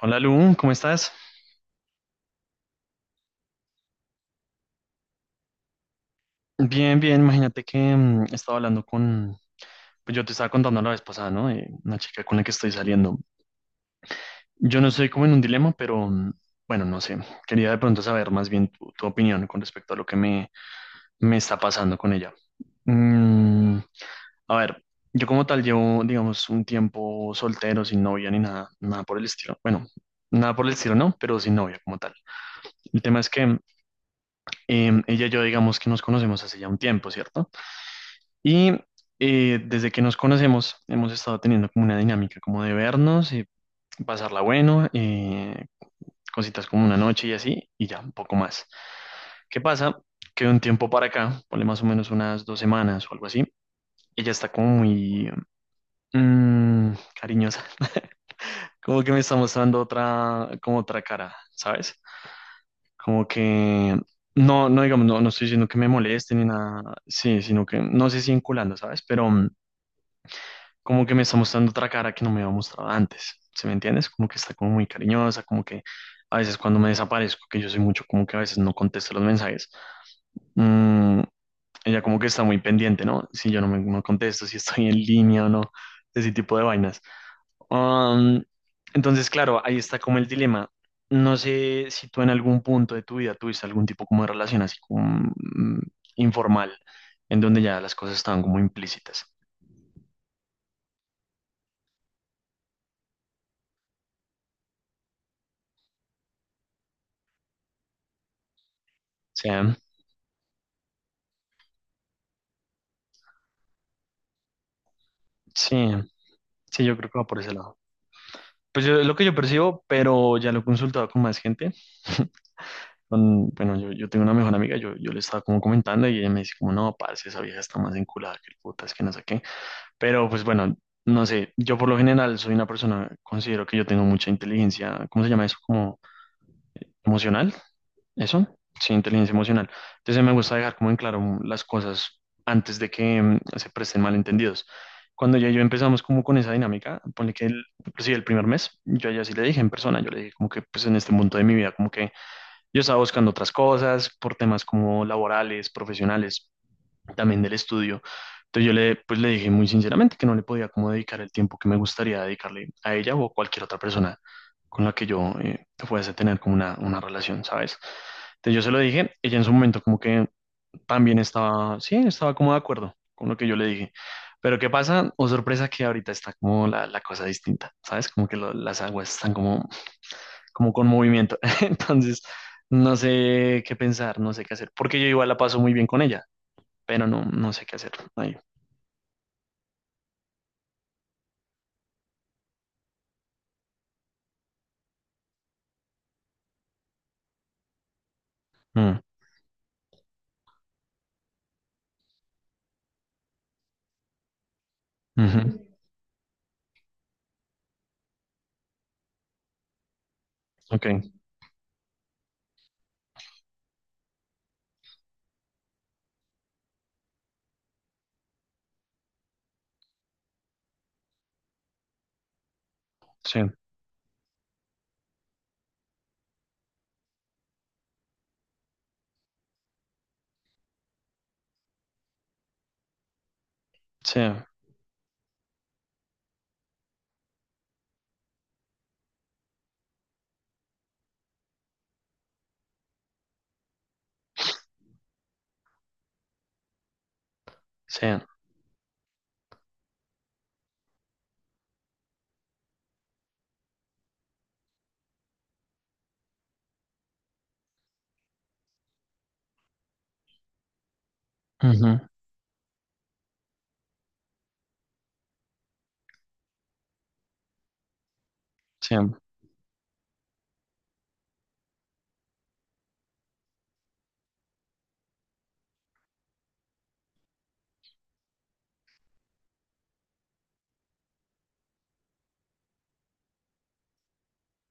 Hola Lu, ¿cómo estás? Bien, bien, imagínate que estaba hablando con, pues yo te estaba contando la vez pasada, ¿no? De una chica con la que estoy saliendo. Yo no estoy como en un dilema, pero bueno, no sé. Quería de pronto saber más bien tu opinión con respecto a lo que me está pasando con ella. Mm, a ver, yo como tal llevo, digamos, un tiempo soltero, sin novia ni nada, nada por el estilo. Bueno, nada por el estilo, no, pero sin novia como tal. El tema es que ella y yo, digamos que nos conocemos hace ya un tiempo, ¿cierto? Y desde que nos conocemos hemos estado teniendo como una dinámica como de vernos, pasarla bueno, cositas como una noche y así, y ya, un poco más. ¿Qué pasa? Que de un tiempo para acá, ponle más o menos unas dos semanas o algo así, ella está como muy mm, cariñosa, como que me está mostrando otra, como otra cara, ¿sabes? Como que... No, no digamos, no, no estoy diciendo que me moleste ni nada, sí, sino que no sé si vinculando, ¿sabes? Pero como que me está mostrando otra cara que no me había mostrado antes, ¿sí me entiendes? Como que está como muy cariñosa, como que a veces cuando me desaparezco, que yo soy mucho como que a veces no contesto los mensajes, mm, ella como que está muy pendiente, ¿no? Si yo no me no contesto, si estoy en línea o no, ese tipo de vainas. Um, entonces, claro, ahí está como el dilema. No sé si tú en algún punto de tu vida tuviste algún tipo como de relación así como informal, en donde ya las cosas estaban como implícitas. O sea, sí. Sí, yo creo que va por ese lado. Pues yo, es lo que yo percibo, pero ya lo he consultado con más gente. Con, bueno, yo tengo una mejor amiga, yo le estaba como comentando y ella me dice como, no, parce, esa vieja está más enculada que el puta, es que no sé qué. Pero pues bueno, no sé, yo por lo general soy una persona, considero que yo tengo mucha inteligencia, ¿cómo se llama eso? Como emocional. Eso, sí, inteligencia emocional. Entonces me gusta dejar como en claro las cosas antes de que se presten malentendidos. Cuando ya yo empezamos como con esa dinámica, ponle que el, inclusive el primer mes, yo ya sí le dije en persona, yo le dije como que pues en este punto de mi vida, como que yo estaba buscando otras cosas por temas como laborales, profesionales, también del estudio. Entonces yo le, pues le dije muy sinceramente que no le podía como dedicar el tiempo que me gustaría dedicarle a ella o a cualquier otra persona con la que yo fuese a tener como una relación, ¿sabes? Entonces yo se lo dije, ella en su momento como que también estaba, sí, estaba como de acuerdo con lo que yo le dije. Pero ¿qué pasa? O sorpresa que ahorita está como la cosa distinta, ¿sabes? Como que las aguas están como, como con movimiento. Entonces, no sé qué pensar, no sé qué hacer, porque yo igual la paso muy bien con ella pero no, no sé qué hacer ahí. Mm, ujú, ok, sí, sí, sí, ujú, sí,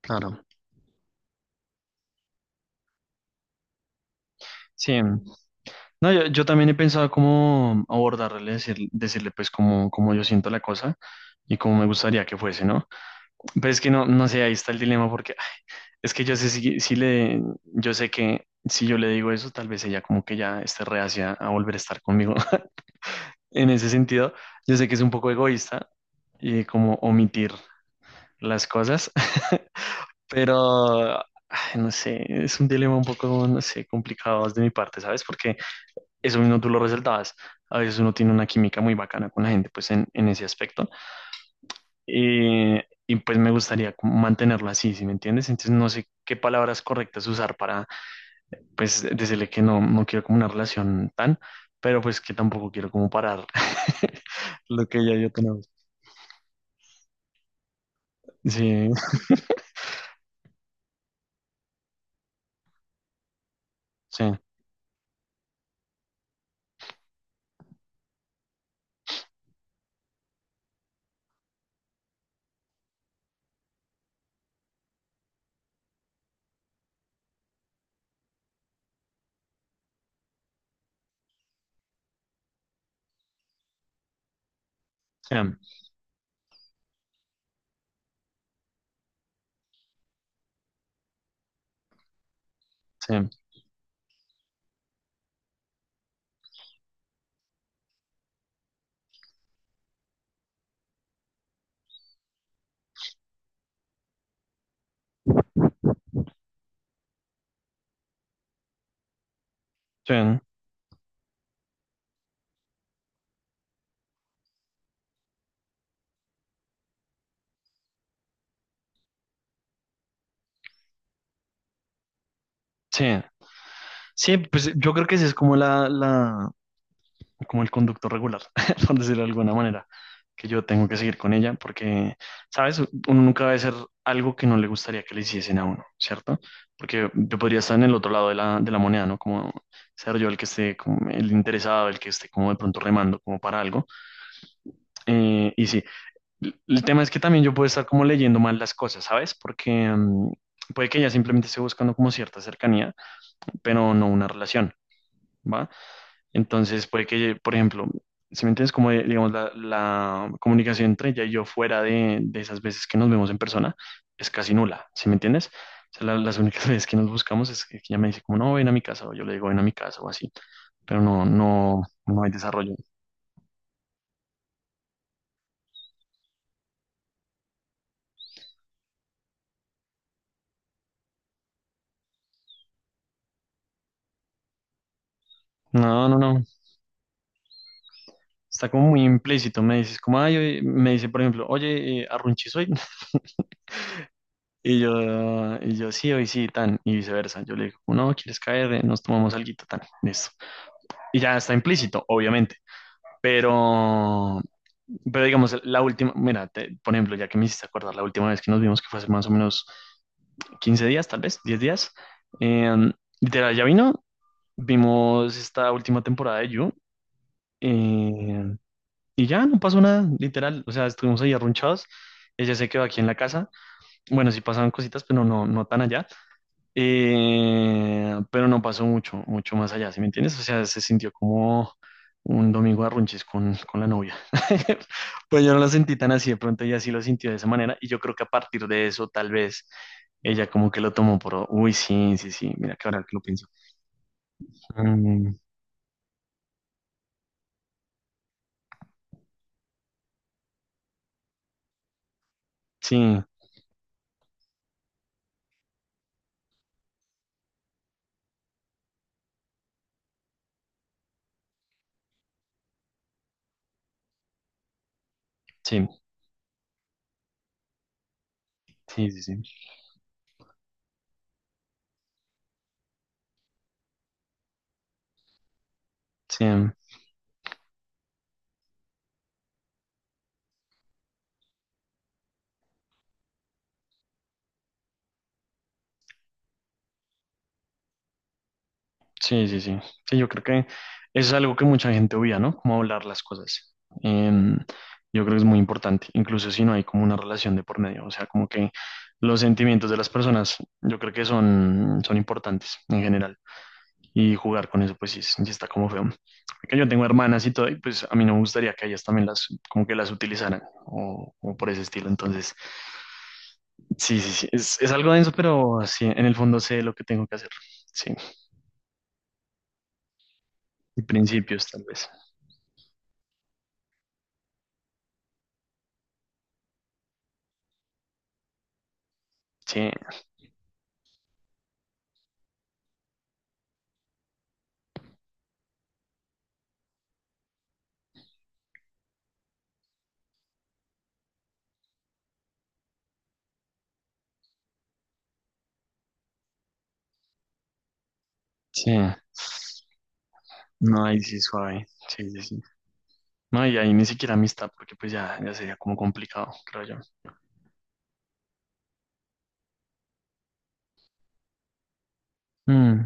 claro. Sí, no, yo también he pensado cómo abordarle, decirle pues cómo, cómo yo siento la cosa y cómo me gustaría que fuese, ¿no? Pero es que no, no sé, ahí está el dilema porque ay, es que yo sé si, si le, yo sé que si yo le digo eso, tal vez ella como que ya esté reacia a volver a estar conmigo. En ese sentido, yo sé que es un poco egoísta y como omitir las cosas. Pero, ay, no sé, es un dilema un poco, no sé, complicado de mi parte, ¿sabes? Porque eso mismo tú lo resaltabas. A veces uno tiene una química muy bacana con la gente, pues en ese aspecto. Y, y pues me gustaría como mantenerlo así, ¿sí me entiendes? Entonces no sé qué palabras correctas usar para, pues, decirle que no, no quiero como una relación tan, pero pues que tampoco quiero como parar lo que ya yo tengo. Sí, sí, sí, sí, sí, sí. Sí, pues yo creo que esa es como como el conducto regular, por decirlo de alguna manera, que yo tengo que seguir con ella porque, ¿sabes? Uno nunca debe hacer algo que no le gustaría que le hiciesen a uno, ¿cierto? Porque yo podría estar en el otro lado de de la moneda, ¿no? Como ser yo el que esté, como el interesado, el que esté como de pronto remando como para algo. Y sí, el tema es que también yo puedo estar como leyendo mal las cosas, ¿sabes? Porque puede que ella simplemente esté buscando como cierta cercanía, pero no una relación, ¿va? Entonces puede que, por ejemplo, si me entiendes, como digamos la comunicación entre ella y yo fuera de esas veces que nos vemos en persona es casi nula, ¿si me entiendes? O sea, las únicas veces que nos buscamos es que ella me dice como no, ven a mi casa o yo le digo ven a mi casa o así, pero no, no, no hay desarrollo. No, no, no. Está como muy implícito. Me dices como, ay, oye", me dice, por ejemplo, oye, arrunchis hoy. Y yo sí, hoy sí, tan, y viceversa. Yo le digo, no, ¿quieres caer? Nos tomamos alguito, tan, listo. Y ya está implícito, obviamente. Pero, pero digamos, la última, mira, por ejemplo, ya que me hiciste acordar la última vez que nos vimos, que fue hace más o menos 15 días, tal vez, 10 días, eh, literal, ya vino, vimos esta última temporada de You, eh, y ya no pasó nada, literal, o sea, estuvimos ahí arrunchados, ella se quedó aquí en la casa, bueno, sí pasaban cositas, pero no, no tan allá, pero no pasó mucho, mucho más allá, ¿sí me entiendes? O sea, se sintió como un domingo de runches con la novia. Pues yo no lo sentí tan así, de pronto ella sí lo sintió de esa manera y yo creo que a partir de eso tal vez ella como que lo tomó por, uy, sí, sí, sí, mira que ahora que lo pienso. Mm, sí, sí, sí, sí, sí, sí. Sí, sí, sí. Sí, yo creo que eso es algo que mucha gente obvia, ¿no? Cómo hablar las cosas. Em, yo creo que es muy importante, incluso si no hay como una relación de por medio. O sea, como que los sentimientos de las personas, yo creo que son, son importantes en general. Y jugar con eso, pues sí, sí está como feo. Porque yo tengo hermanas y todo, y pues a mí no me gustaría que ellas también las, como que las utilizaran, o por ese estilo. Entonces, sí, sí, sí. Es algo denso, pero sí, en el fondo sé lo que tengo que hacer. Sí, y principios tal vez. Sí. Sí, no, ahí sí suave. Sí, sí, sí. No, y ahí ni siquiera amistad, porque pues ya, ya sería como complicado, creo yo. Mm,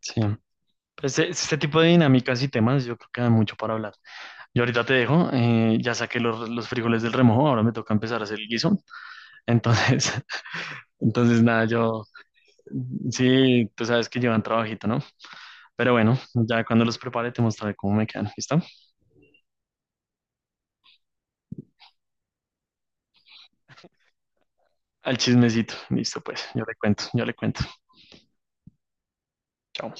sí. Pues este tipo de dinámicas y temas, yo creo que da mucho para hablar. Yo ahorita te dejo, ya saqué los frijoles del remojo, ahora me toca empezar a hacer el guiso. Entonces, entonces nada, yo, sí, tú sabes que llevan trabajito, ¿no? Pero bueno, ya cuando los prepare te mostraré cómo me quedan, ¿listo? Al chismecito, listo pues, yo le cuento, yo le cuento. Chao.